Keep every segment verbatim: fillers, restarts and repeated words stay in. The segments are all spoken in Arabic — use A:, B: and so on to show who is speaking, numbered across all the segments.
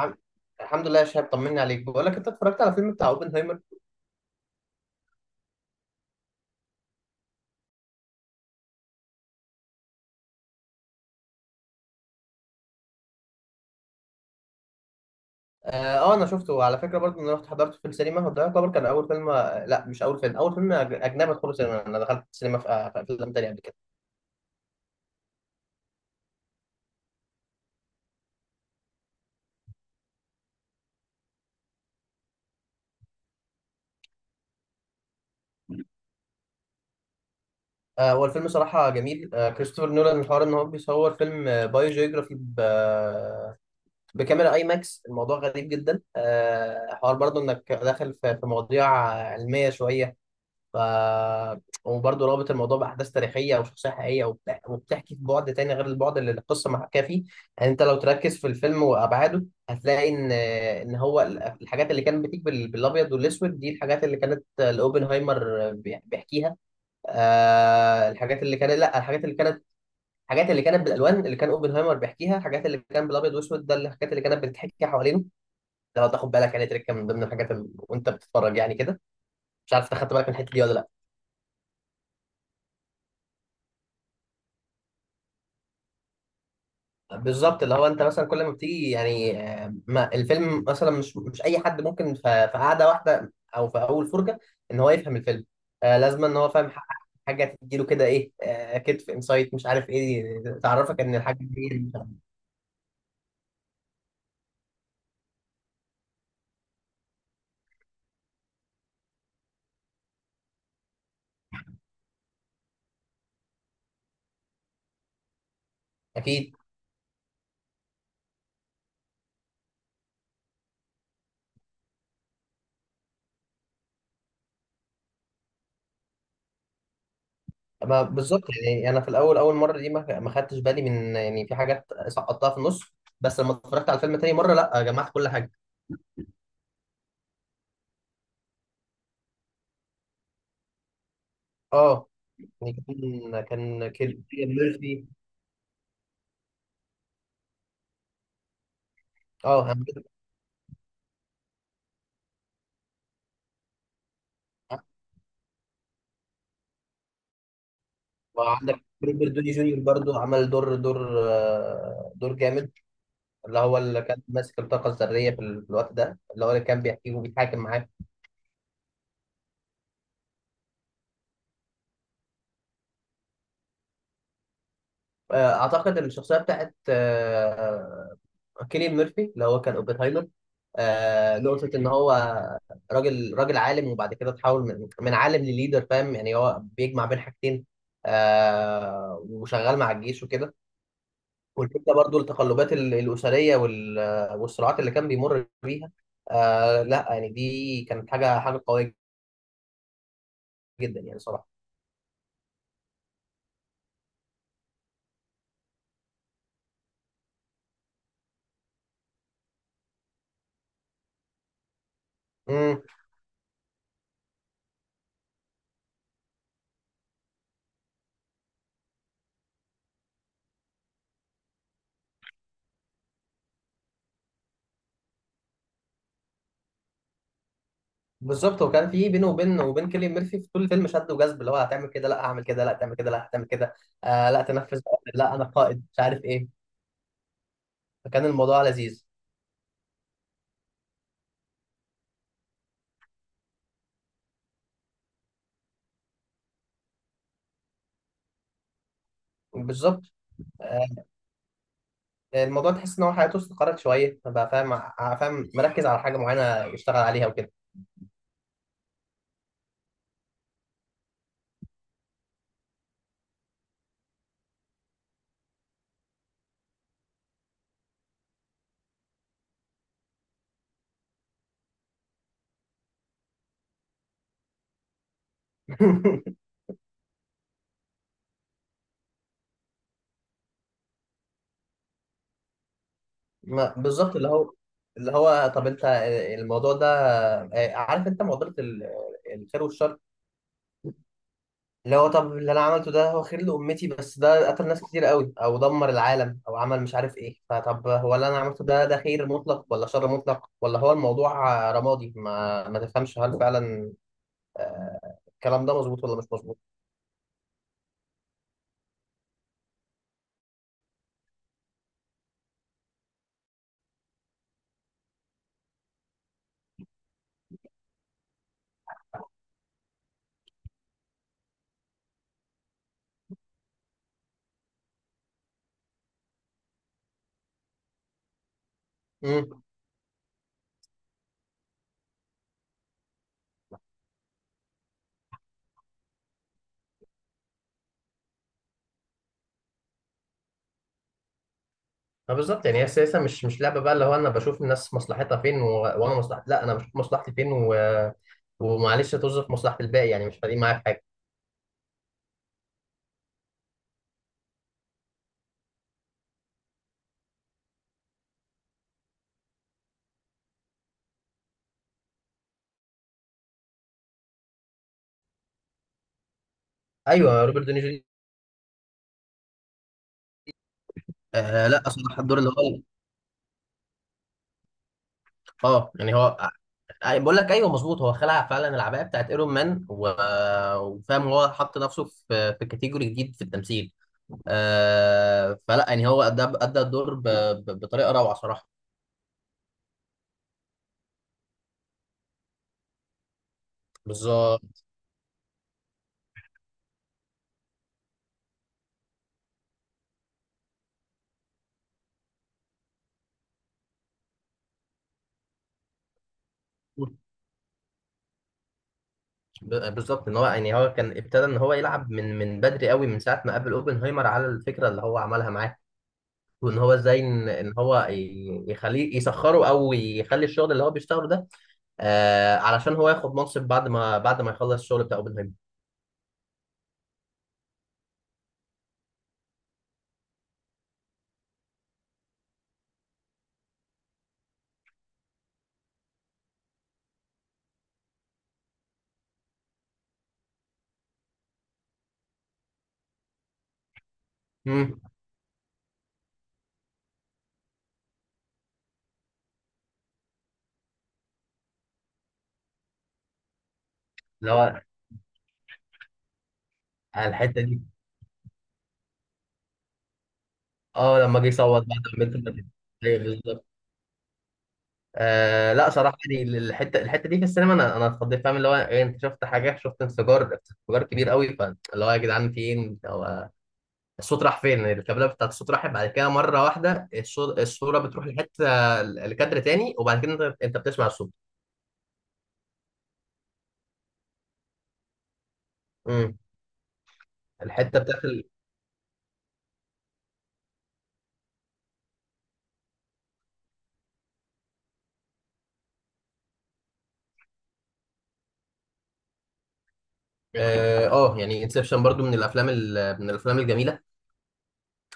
A: الحمد الحمد لله يا شهاب، طمني عليك. بقول لك، انت اتفرجت على فيلم بتاع اوبنهايمر؟ اه. آه، انا شفته على فكره، برضه انا رحت حضرته في السينما، وده يعتبر كان اول فيلم، آه، لا، مش اول فيلم، اول فيلم أج- اجنبي ادخله سينما. انا دخلت السينما في آه، في افلام تانية قبل كده. آه، هو الفيلم صراحه جميل. آه، كريستوفر نولان، الحوار ان هو بيصور فيلم آه، بايو جيوغرافي، ب- آه، بكاميرا اي ماكس. الموضوع غريب جدا. آه، حوار برضه انك داخل في في مواضيع علميه شويه. ف وبرضه رابط الموضوع باحداث تاريخيه او شخصيه حقيقيه، وبتح- وبتحكي في بعد تاني غير البعد اللي القصه محكاه فيه. يعني انت لو تركز في الفيلم وابعاده هتلاقي ان ان هو ال- الحاجات اللي كانت بتيجي بال- بالابيض والاسود دي الحاجات اللي كانت الاوبنهايمر بيح- بيحكيها. آه، الحاجات اللي كانت لا الحاجات اللي كانت الحاجات اللي كانت بالالوان اللي كان اوبنهايمر بيحكيها، الحاجات اللي كان بالابيض والاسود ده الحاجات اللي كانت بتتحكي حوالينه. لو تاخد بالك يعني، تركه من ضمن الحاجات ال... وانت بتتفرج يعني كده. مش عارف أنت خدت بالك من الحته دي ولا لا؟ بالظبط، اللي هو انت مثلا كل ما بتيجي يعني، آه، ما الفيلم مثلا مش مش اي حد ممكن ف- في قعده واحده او في اول فرجه ان هو يفهم الفيلم. آه، لازم ان هو فاهم ح- حاجه تديله كده ايه، آه، كتف انسايت مش عارف ايه، تعرفك ان الحاجه دي. اكيد. ما بالظبط يعني، انا في الاول اول مره دي ما ما خدتش بالي من، يعني في حاجات سقطتها في النص، بس لما اتفرجت على الفيلم تاني مره، لا، جمعت كل حاجه. اه يعني كان كان كيليان ميرفي. اه، وعندك روبرت دوني جونيور برضو، عمل دور دور آه، دور جامد، اللي هو اللي كان ماسك الطاقة الذرية في ال- في الوقت ده، اللي هو اللي كان بيحكيه وبيتحاكم معاه. آه، أعتقد الشخصية بتاعت آه، كيليان ميرفي، اللي هو كان اوبنهايمر. آه، نقطة إن هو راجل راجل عالم، وبعد كده تحول من من عالم لليدر، فاهم؟ يعني هو بيجمع بين حاجتين. آه، وشغال مع الجيش وكده. والفكره برضو التقلبات ال- الاسريه وال- والصراعات اللي كان بيمر بيها. آه لا يعني، دي كانت حاجه حاجه قويه جدا يعني صراحه. امم. بالظبط. وكان في بينه وبين وبين كيليان ميرفي في طول الفيلم شد وجذب، اللي هو، هتعمل كده، لا هعمل كده، لا تعمل كده، لا هتعمل كده. آه لا تنفذ، لا انا قائد مش عارف ايه. فكان الموضوع لذيذ. بالظبط. آه، الموضوع تحس ان هو حياته استقرت شويه بقى، فاهم ع- فاهم، مركز على حاجه معينه يشتغل عليها وكده. ما بالظبط، اللي هو اللي هو طب انت الموضوع ده، آه، عارف انت معضله ال- الخير والشر، اللي هو طب اللي انا عملته ده هو خير لامتي، بس ده قتل ناس كتير قوي، او دمر العالم، او عمل مش عارف ايه. فطب هو اللي انا عملته ده، ده خير مطلق ولا شر مطلق، ولا هو الموضوع آه، رمادي ما ما تفهمش، هل فعلا آه، الكلام ده مظبوط ولا مش مظبوط؟ امم. فبالظبط يعني، هي السياسه مش مش لعبه بقى. اللي هو انا بشوف الناس مصلحتها فين و... وانا مصلحتي، لا، انا بشوف مصلحتي فين و... ومعلش توظف مصلحه الباقي، يعني مش فارقين معايا في حاجه. ايوه، روبرت دوني جونيور. آه لا صراحه الدور اللي هو، اه يعني هو آه، آه، بقول لك ايوه مظبوط، هو خلع فعلا العبايه بتاعت ايرون مان، و... وفاهم، هو حط نفسه في في كاتيجوري جديد في التمثيل. آه فلا يعني هو ادى ادى الدور ب... ب... بطريقه روعه صراحه. بالظبط. ب- بالظبط، ان هو، يعني هو كان ابتدى ان هو يلعب من من بدري قوي، من ساعه ما قابل اوبنهايمر على الفكره اللي هو عملها معاه، وان هو ازاي ان إن هو ي- يخليه يسخره، او يخلي الشغل اللي هو بيشتغله ده، آه علشان هو ياخد منصب بعد ما بعد ما يخلص الشغل بتاع اوبنهايمر. امم. اللي هو على الحته دي. اه، لما جه يصوت بعد ما بنت ماتت. ايوه بالظبط. آه لا صراحه يعني، الحته الحته دي في السينما، انا انا اتخضيت، فاهم اللي هو إيه، انت شفت حاجه، شفت انفجار انفجار كبير قوي. فاللي هو، يا جدعان، فين الصوت؟ راح فين؟ الكابلة بتاعت الصوت راحت بعد كده مرة واحدة. الصو- الصورة بتروح لحتة، لكادر تاني، وبعد كده انت انت بتسمع الصوت. امم. الحتة بتاعت ال... اه، آه، يعني انسبشن برضو من الافلام ال...، من الافلام الجميلة.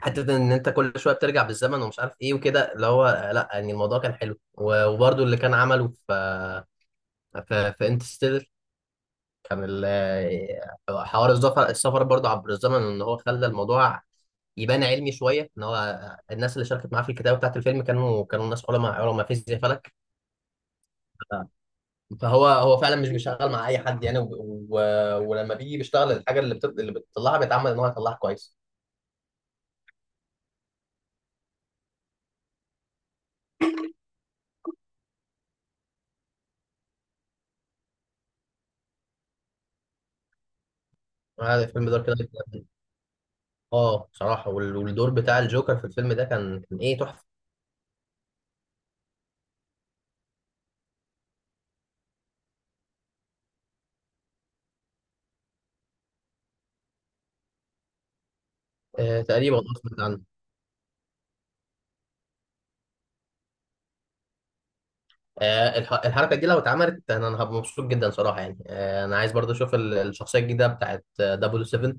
A: حتة ان انت كل شوية بترجع بالزمن ومش عارف ايه وكده، اللي هو آه، لا يعني الموضوع كان حلو، و- وبرضو اللي كان عمله في في, في انترستيلر. كان ال- حوار السفر السفر برضه عبر الزمن، ان هو خلى الموضوع يبان علمي شويه، ان هو الناس اللي شاركت معاه في الكتابه بتاعت الفيلم كانوا كانوا ناس علماء علماء فيزياء فلك. فهو هو فعلا مش بيشتغل مع اي حد يعني، و... و... ولما بيجي بيشتغل، الحاجه اللي بت... اللي بتطلعها بيتعمل ان هو يطلعها كويس. هذا الفيلم ده كده، اه بصراحه. وال- والدور بتاع الجوكر في الفيلم ده كان كان ايه، تحفه. آه تقريبا أصلاً. آه، الح- الحركه دي لو اتعملت، انا أنا هبقى مبسوط جدا صراحه يعني. آه، انا عايز برضه اشوف ال- الشخصيه الجديده بتاعت دبليو سبعة.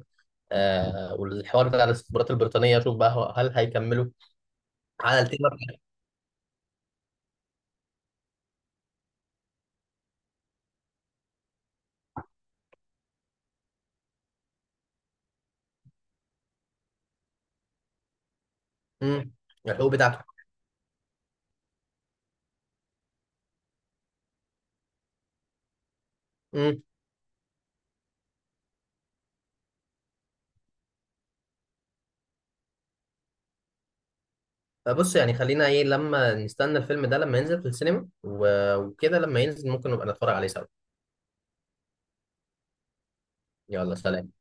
A: آه، والحوار بتاع الاستخبارات البريطانيه، اشوف بقى، هو- هل هيكملوا على التيمة. امم. الحقوق بتاعته. امم. فبص يعني، خلينا ايه، لما نستنى الفيلم ده لما ينزل في السينما، و- وكده لما ينزل ممكن نبقى نتفرج عليه سوا. يلا، سلام.